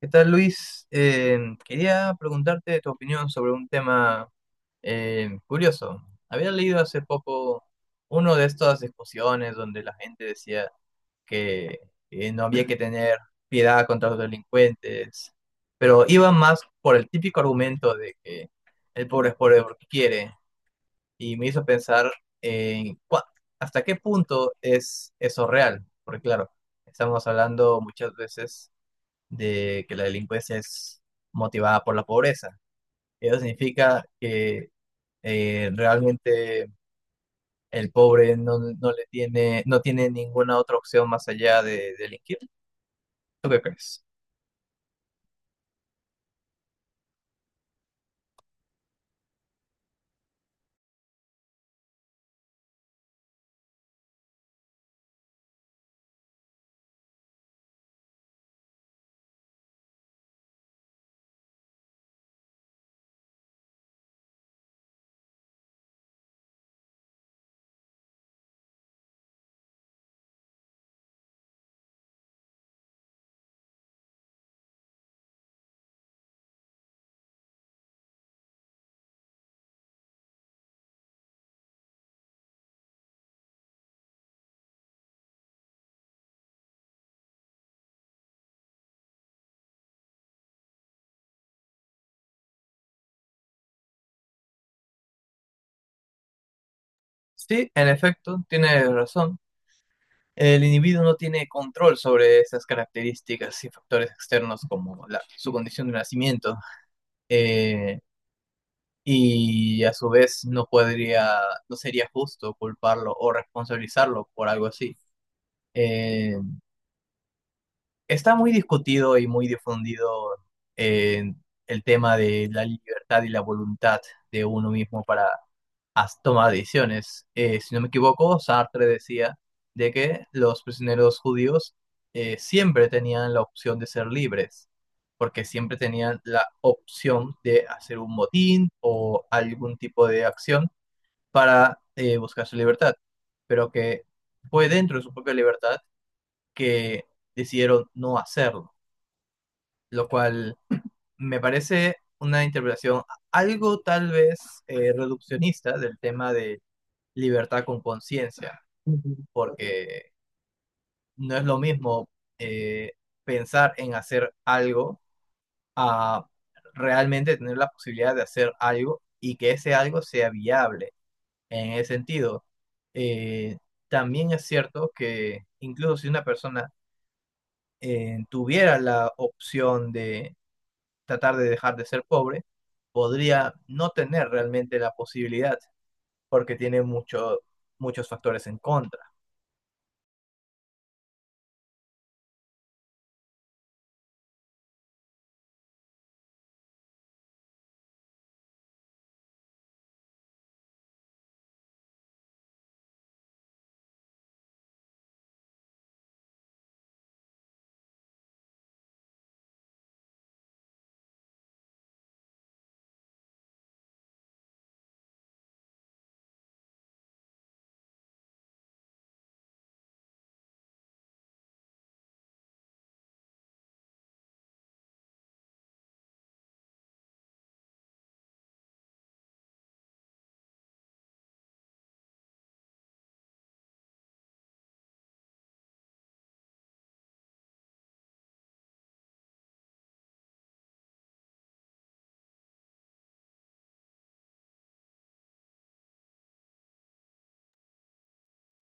¿Qué tal, Luis? Quería preguntarte tu opinión sobre un tema curioso. Había leído hace poco uno de estas discusiones donde la gente decía que no había que tener piedad contra los delincuentes, pero iba más por el típico argumento de que el pobre es pobre porque quiere, y me hizo pensar en cua- hasta qué punto es eso real, porque claro, estamos hablando muchas veces de que la delincuencia es motivada por la pobreza. Eso significa que realmente el pobre no le no tiene ninguna otra opción más allá de delinquir. ¿Tú qué crees? Sí, en efecto, tiene razón. El individuo no tiene control sobre esas características y factores externos como su condición de nacimiento. eh, y a su vez no no sería justo culparlo o responsabilizarlo por algo así. Eh, Está muy discutido y muy difundido eh, el tema de la libertad y la voluntad de uno mismo para tomar decisiones. Si no me equivoco, Sartre decía de que los prisioneros judíos siempre tenían la opción de ser libres, porque siempre tenían la opción de hacer un motín o algún tipo de acción para buscar su libertad, pero que fue dentro de su propia libertad que decidieron no hacerlo, lo cual me parece una interpretación algo tal vez reduccionista del tema de libertad con conciencia, porque no es lo mismo eh, pensar en hacer algo a realmente tener la posibilidad de hacer algo y que ese algo sea viable. En ese sentido, eh, también es cierto que incluso si una persona tuviera la opción de tratar de dejar de ser pobre, podría no tener realmente la posibilidad, porque tiene muchos factores en contra,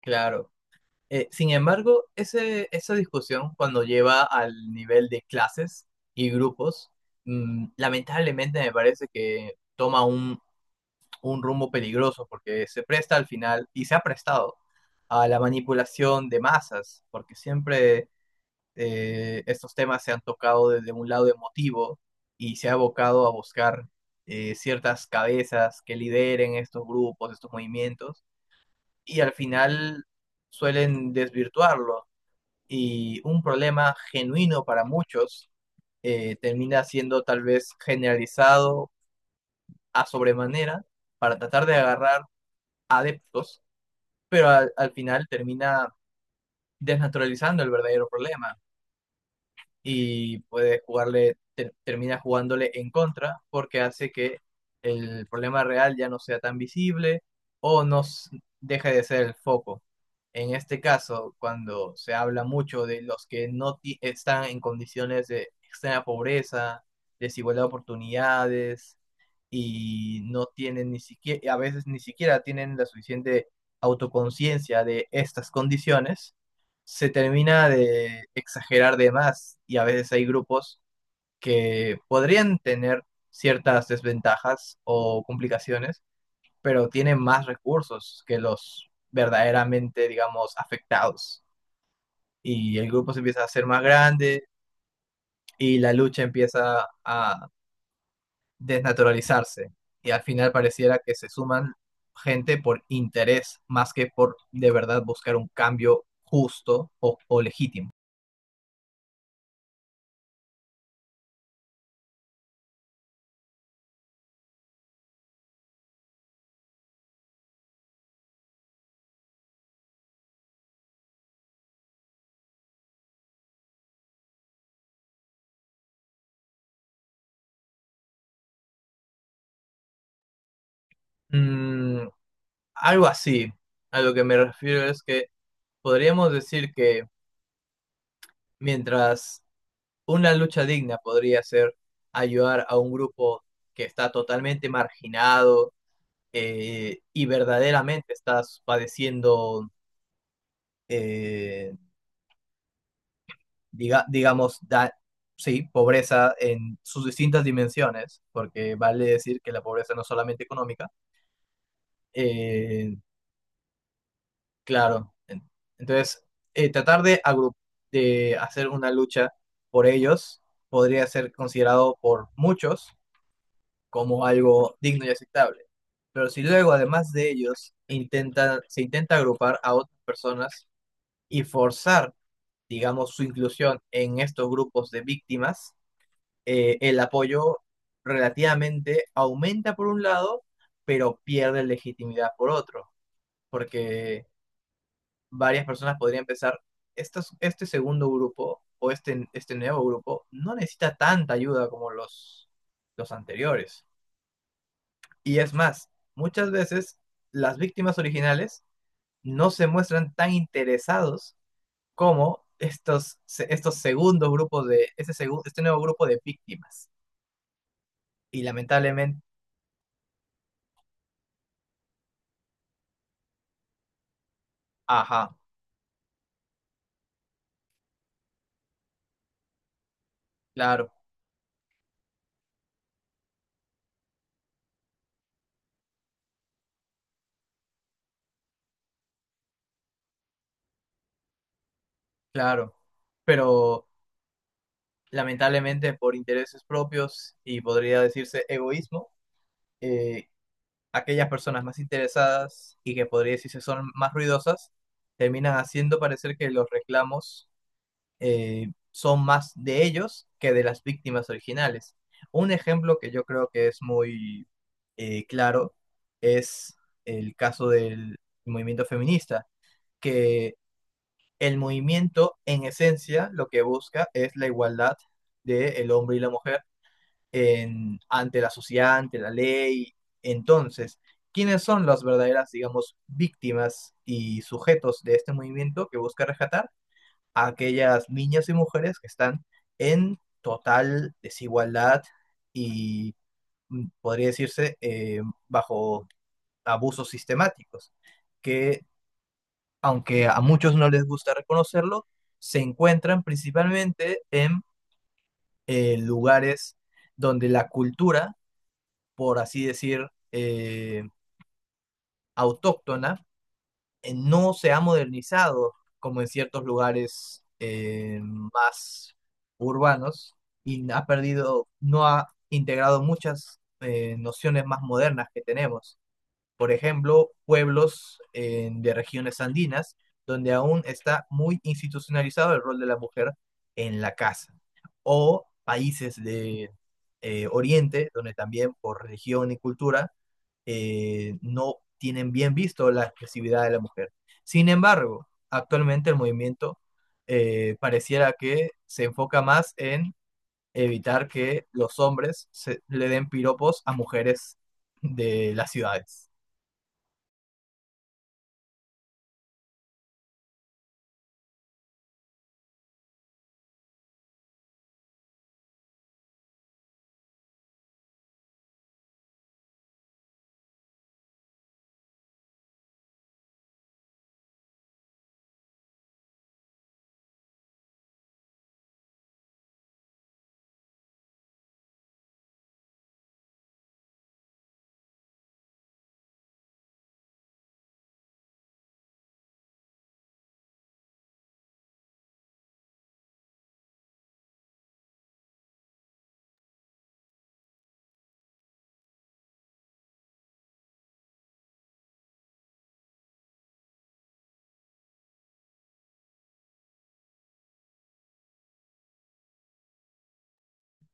claro. Sin embargo, esa discusión cuando lleva al nivel de clases y grupos, lamentablemente me parece que toma un rumbo peligroso porque se presta al final y se ha prestado a la manipulación de masas, porque siempre estos temas se han tocado desde un lado emotivo y se ha abocado a buscar ciertas cabezas que lideren estos grupos, estos movimientos, y al final suelen desvirtuarlo. Y un problema genuino para muchos termina siendo tal vez generalizado a sobremanera para tratar de agarrar adeptos, pero al final termina desnaturalizando el verdadero problema y puede termina jugándole en contra porque hace que el problema real ya no sea tan visible o nos deje de ser el foco. En este caso, cuando se habla mucho de los que no ti- están en condiciones de extrema pobreza, desigualdad de oportunidades y no tienen ni siquiera, a veces ni siquiera tienen la suficiente autoconciencia de estas condiciones, se termina de exagerar de más y a veces hay grupos que podrían tener ciertas desventajas o complicaciones, pero tienen más recursos que los verdaderamente, digamos, afectados. Y el grupo se empieza a hacer más grande y la lucha empieza a desnaturalizarse. Y al final pareciera que se suman gente por interés más que por de verdad buscar un cambio justo o legítimo. Mm, Algo así. A lo que me refiero es que podríamos decir que mientras una lucha digna podría ser ayudar a un grupo que está totalmente marginado y verdaderamente está padeciendo, eh, digamos, sí, pobreza en sus distintas dimensiones, porque vale decir que la pobreza no es solamente económica, eh, claro. Entonces, tratar de, de hacer una lucha por ellos podría ser considerado por muchos como algo digno y aceptable. Pero si luego, además de ellos, se intenta agrupar a otras personas y forzar, digamos, su inclusión en estos grupos de víctimas, el apoyo relativamente aumenta por un lado, pero pierde legitimidad por otro, porque varias personas podrían pensar, este segundo grupo o este nuevo grupo no necesita tanta ayuda como los anteriores. Y es más, muchas veces las víctimas originales no se muestran tan interesados como estos segundos grupos de, este, segu, este nuevo grupo de víctimas. Y lamentablemente, ajá, claro, claro, pero lamentablemente por intereses propios y podría decirse egoísmo, eh, aquellas personas más interesadas y que podría decirse son más ruidosas, terminan haciendo parecer que los reclamos son más de ellos que de las víctimas originales. Un ejemplo que yo creo que es muy claro es el caso del movimiento feminista, que el movimiento en esencia lo que busca es la igualdad del hombre y la mujer ante la sociedad, ante la ley. Entonces, ¿quiénes son las verdaderas, digamos, víctimas y sujetos de este movimiento que busca rescatar? A aquellas niñas y mujeres que están en total desigualdad y podría decirse bajo abusos sistemáticos, que aunque a muchos no les gusta reconocerlo, se encuentran principalmente en lugares donde la cultura por así decir, autóctona, no se ha modernizado como en ciertos lugares más urbanos y ha perdido, no ha integrado muchas nociones más modernas que tenemos. Por ejemplo, pueblos de regiones andinas donde aún está muy institucionalizado el rol de la mujer en la casa. O países de Oriente donde también por religión y cultura no tienen bien visto la expresividad de la mujer. Sin embargo, actualmente el movimiento pareciera que se enfoca más en evitar que los hombres le den piropos a mujeres de las ciudades.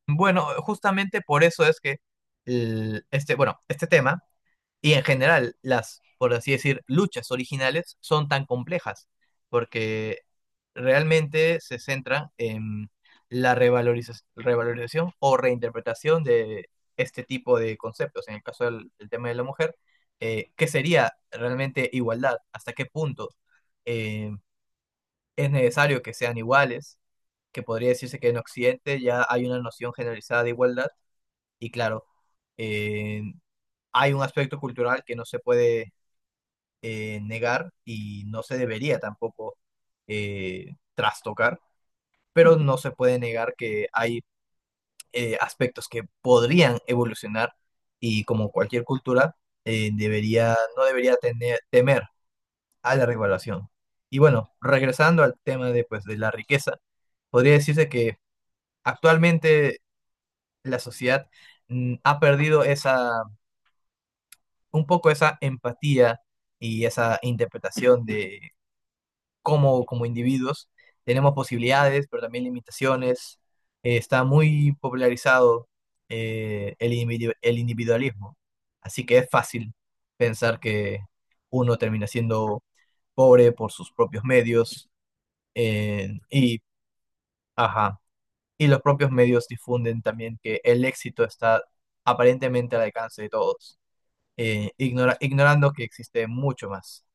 Bueno, justamente por eso es que este tema y en general, las, por así decir, luchas originales son tan complejas, porque realmente se centran en la revalorización o reinterpretación de este tipo de conceptos. En el caso del tema de la mujer, ¿qué sería realmente igualdad? ¿Hasta qué punto eh, es necesario que sean iguales? Que podría decirse que en Occidente ya hay una noción generalizada de igualdad y claro, eh, hay un aspecto cultural que no se puede negar y no se debería tampoco trastocar, pero no se puede negar que hay aspectos que podrían evolucionar y como cualquier cultura no debería temer a la regulación. Y bueno, regresando al tema de, pues, de la riqueza, podría decirse que actualmente la sociedad ha perdido un poco esa empatía y esa interpretación de como individuos. Tenemos posibilidades, pero también limitaciones. Está muy popularizado el individualismo. Así que es fácil pensar que uno termina siendo pobre por sus propios medios. eh, y, ajá, y los propios medios difunden también que el éxito está aparentemente al alcance de todos, ignorando que existe mucho más.